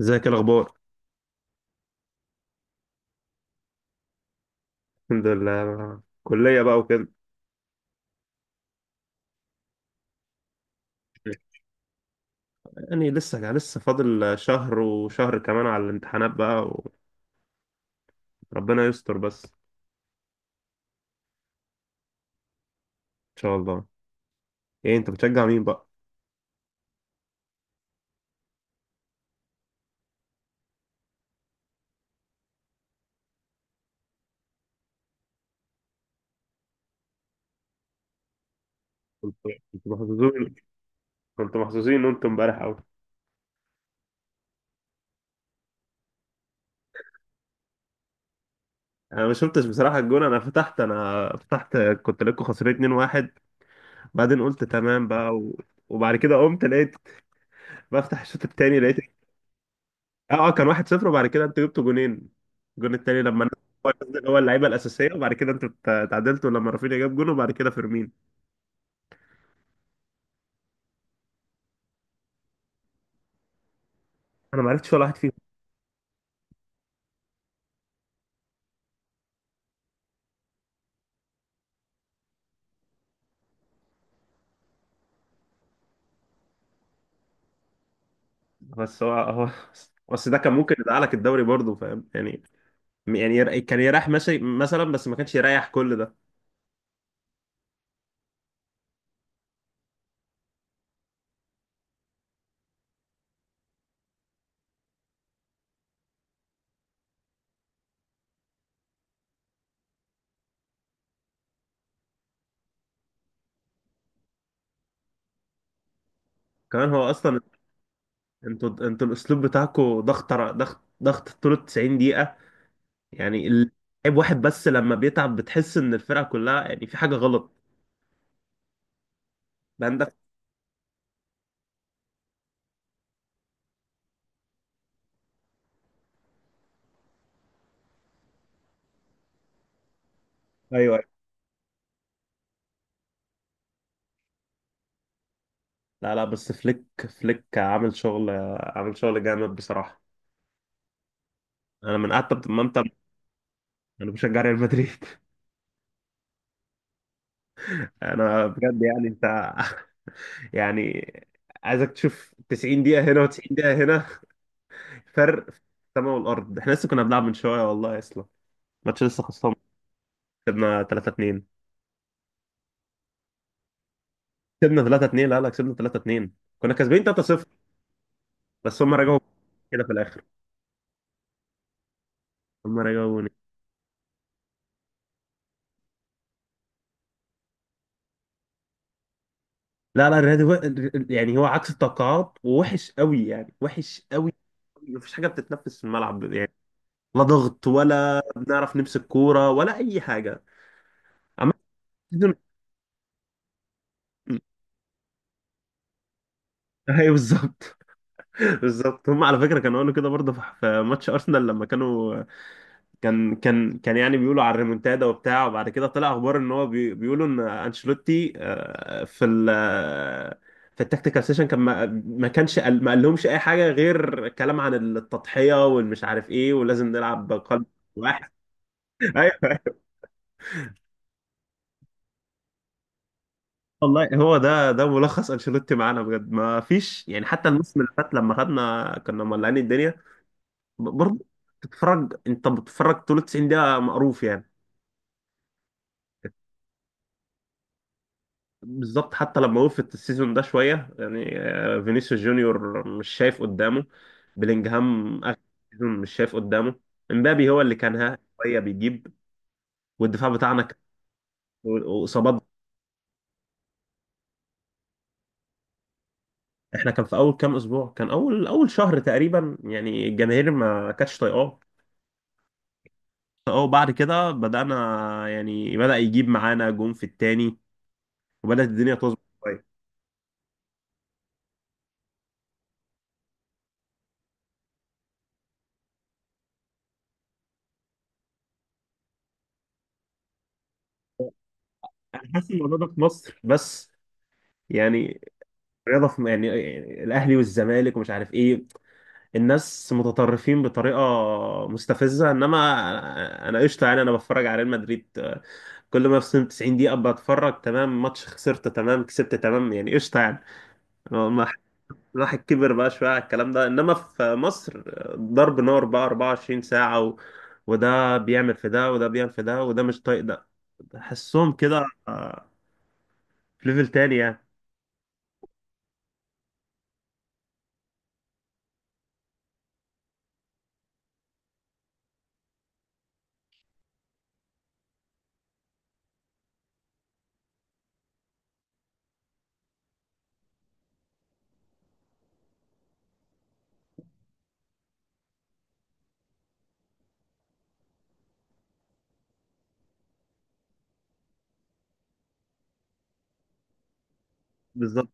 ازيك؟ إيه الاخبار؟ الحمد لله، كلية بقى وكده. يعني لسه فاضل شهر وشهر كمان على الامتحانات بقى. وربنا يستر، بس ان شاء الله. ايه، انت بتشجع مين بقى؟ كنت كنت محظوظين. كنت محظوظين وانتم امبارح قوي. انا ما شفتش بصراحة الجون، انا فتحت كنت لكم خسرانين 2-1. بعدين قلت تمام بقى وبعد كده قمت لقيت. بفتح الشوط التاني لقيت. اه اه، كان 1-0، وبعد كده انتوا جبتوا جونين. الجون التاني هو نزل، هو اللعيبه الاساسيه. وبعد كده انتوا اتعادلتوا لما رافينيا جاب جون، وبعد كده فيرمين. انا ما عرفتش ولا واحد فيهم. بس هو بس ده كان ممكن يدعى لك الدوري برضه، فاهم يعني. يعني كان يريح ماشي مثلا، بس ما كانش يريح كل ده. كمان هو اصلا، انتوا الاسلوب بتاعكم ضغط ضغط طول 90 دقيقه. يعني اللعيب واحد، بس لما بيتعب بتحس ان الفرقه كلها يعني في حاجه غلط. ده عندك. ايوه. لا لا، بس فليك فليك عامل شغل، عامل شغل جامد بصراحة. انا من قعدت ما انت. انا بشجع ريال مدريد. انا بجد يعني انت. يعني عايزك تشوف 90 دقيقة هنا و90 دقيقة هنا. فرق في السماء والارض. احنا لسه كنا بنلعب من شوية والله اصلا. الماتش لسه خلصان. كسبنا 3-2. كسبنا 3-2، لا لا، كسبنا 3-2. كنا كاسبين 3-0، بس هم رجعوا كده في الاخر. هم رجعوني. لا لا، الريال يعني هو عكس التوقعات ووحش قوي، يعني وحش قوي. مفيش حاجه بتتنفس في الملعب يعني. لا ضغط، ولا بنعرف نمسك كوره، ولا اي حاجه. عم. ايوه بالظبط. بالظبط، هم على فكره كانوا قالوا كده برضه في ماتش ارسنال لما كانوا. كان يعني بيقولوا على الريمونتادا وبتاع. وبعد كده طلع اخبار ان هو بيقولوا ان انشيلوتي آه، في ال آه، في التكتيكال سيشن. كان ما كانش ما قالهمش اي حاجه غير كلام عن التضحيه والمش عارف ايه، ولازم نلعب قلب واحد. ايوه والله، هو ده ملخص انشيلوتي معانا بجد، ما فيش يعني. حتى الموسم اللي فات لما خدنا كنا مولعين الدنيا برضه. انت بتتفرج طول 90 دقيقة مقروف يعني. بالظبط، حتى لما وقفت السيزون ده شوية يعني، فينيسيوس جونيور مش شايف قدامه. بلينجهام اخر سيزون مش شايف قدامه. امبابي هو اللي كان ها شوية بيجيب. والدفاع بتاعنا واصابات. احنا كان في اول كام اسبوع، كان اول اول شهر تقريبا يعني الجماهير ما كانتش طايقاه. اه. وبعد كده بدأنا، يعني بدأ يجيب معانا جون في التاني، وبدأت الدنيا تظبط شوية. أنا حاسس إن الموضوع ده في مصر بس. يعني رياضة في، يعني الأهلي والزمالك ومش عارف إيه. الناس متطرفين بطريقة مستفزة. إنما أنا قشطة يعني. أنا بتفرج على ريال مدريد، كل ما في 90 دقيقة بتفرج تمام، ماتش خسرت تمام، كسبت تمام، يعني قشطة يعني ما. الواحد كبر بقى شوية على الكلام ده، إنما في مصر ضرب نار بقى 24 ساعة وده بيعمل في ده، وده بيعمل في ده، وده مش طايق ده. تحسهم كده، في ليفل تاني يعني. بالظبط.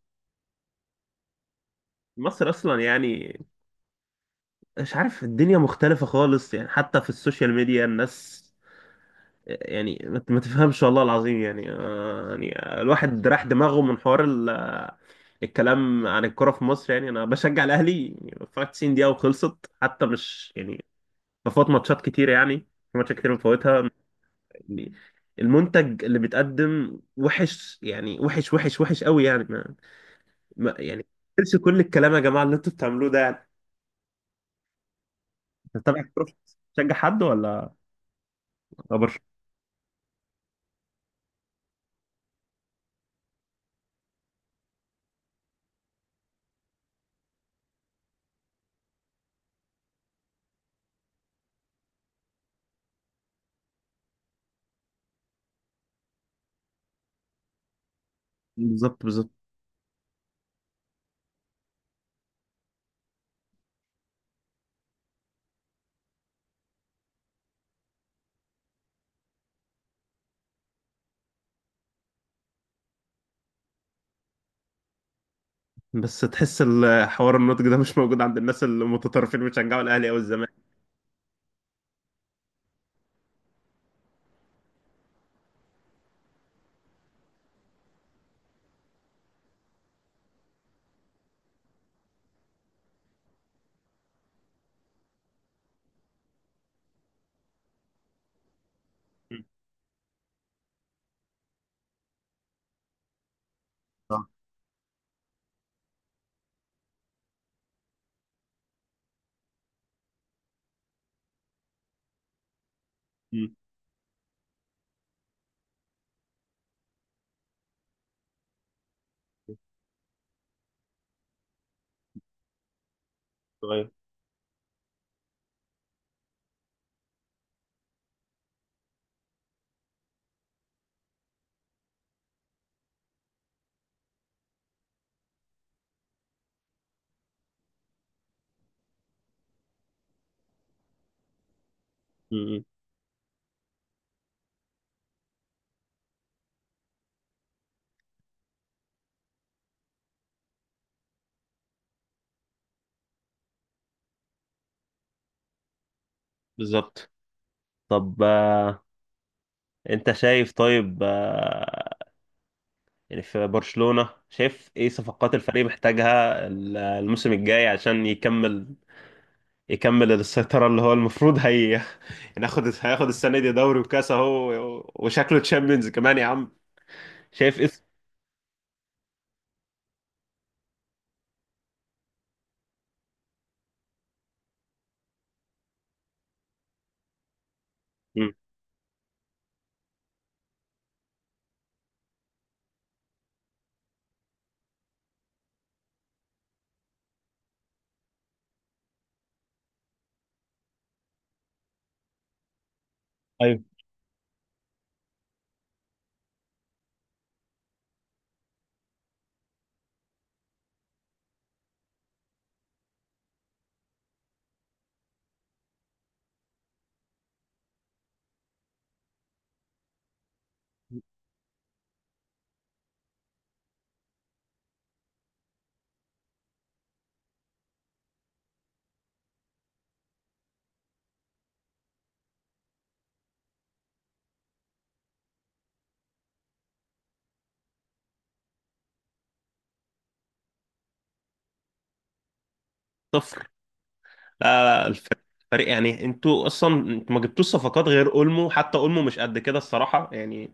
مصر أصلا يعني مش عارف، الدنيا مختلفة خالص يعني. حتى في السوشيال ميديا الناس يعني ما تفهمش والله العظيم يعني. يعني الواحد راح دماغه من حوار الكلام عن الكرة في مصر. يعني أنا بشجع الأهلي يعني. 90 دقيقة وخلصت، حتى مش يعني بفوت ماتشات كتير يعني. في ماتشات كتير بفوتها يعني. المنتج اللي بيتقدم وحش يعني، وحش وحش وحش قوي يعني تنسوا كل الكلام يا جماعة اللي انتوا بتعملوه ده يعني. انت طبعا بتروح تشجع حد، ولا برشلونة؟ بالظبط بالظبط. بس تحس حوار النضج ده مش موجود عند الناس المتطرفين اللي بيشجعوا الاهلي او الزمالك. مم. صح. مم. صغير. مم. بالظبط. طب، انت شايف. طيب، يعني في برشلونة شايف ايه صفقات الفريق محتاجها الموسم الجاي عشان يكمل السيطرة اللي هو المفروض هي. هياخد السنة دي دوري وكاس اهو، وشكله تشامبيونز كمان يا عم. شايف ايه مم. ايوه صفر. لا لا، الفريق يعني انتوا اصلا انتوا ما جبتوش صفقات غير اولمو، حتى اولمو مش قد كده الصراحة يعني.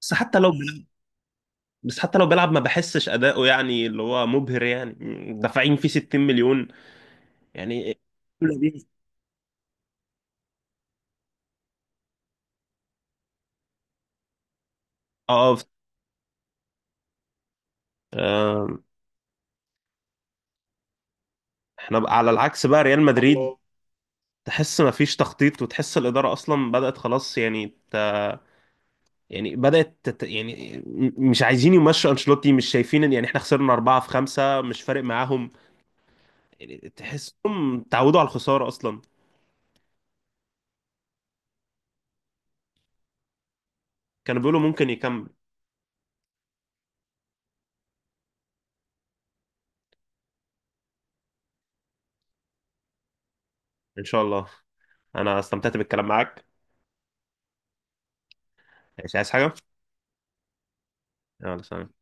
بس حتى لو بيلعب بس حتى لو بيلعب ما بحسش اداؤه، يعني اللي هو مبهر يعني. دافعين فيه 60 مليون يعني. اه، آه، احنا بقى على العكس، بقى ريال مدريد الله. تحس ما فيش تخطيط، وتحس الإدارة أصلا بدأت خلاص يعني يعني بدأت يعني مش عايزين يمشوا أنشيلوتي، مش شايفين إن يعني احنا خسرنا أربعة في خمسة مش فارق معاهم. يعني تحسهم تعودوا على الخسارة أصلا. كانوا بيقولوا ممكن يكمل. إن شاء الله. أنا استمتعت بالكلام معاك. مش عايز حاجة؟ يلا سلام.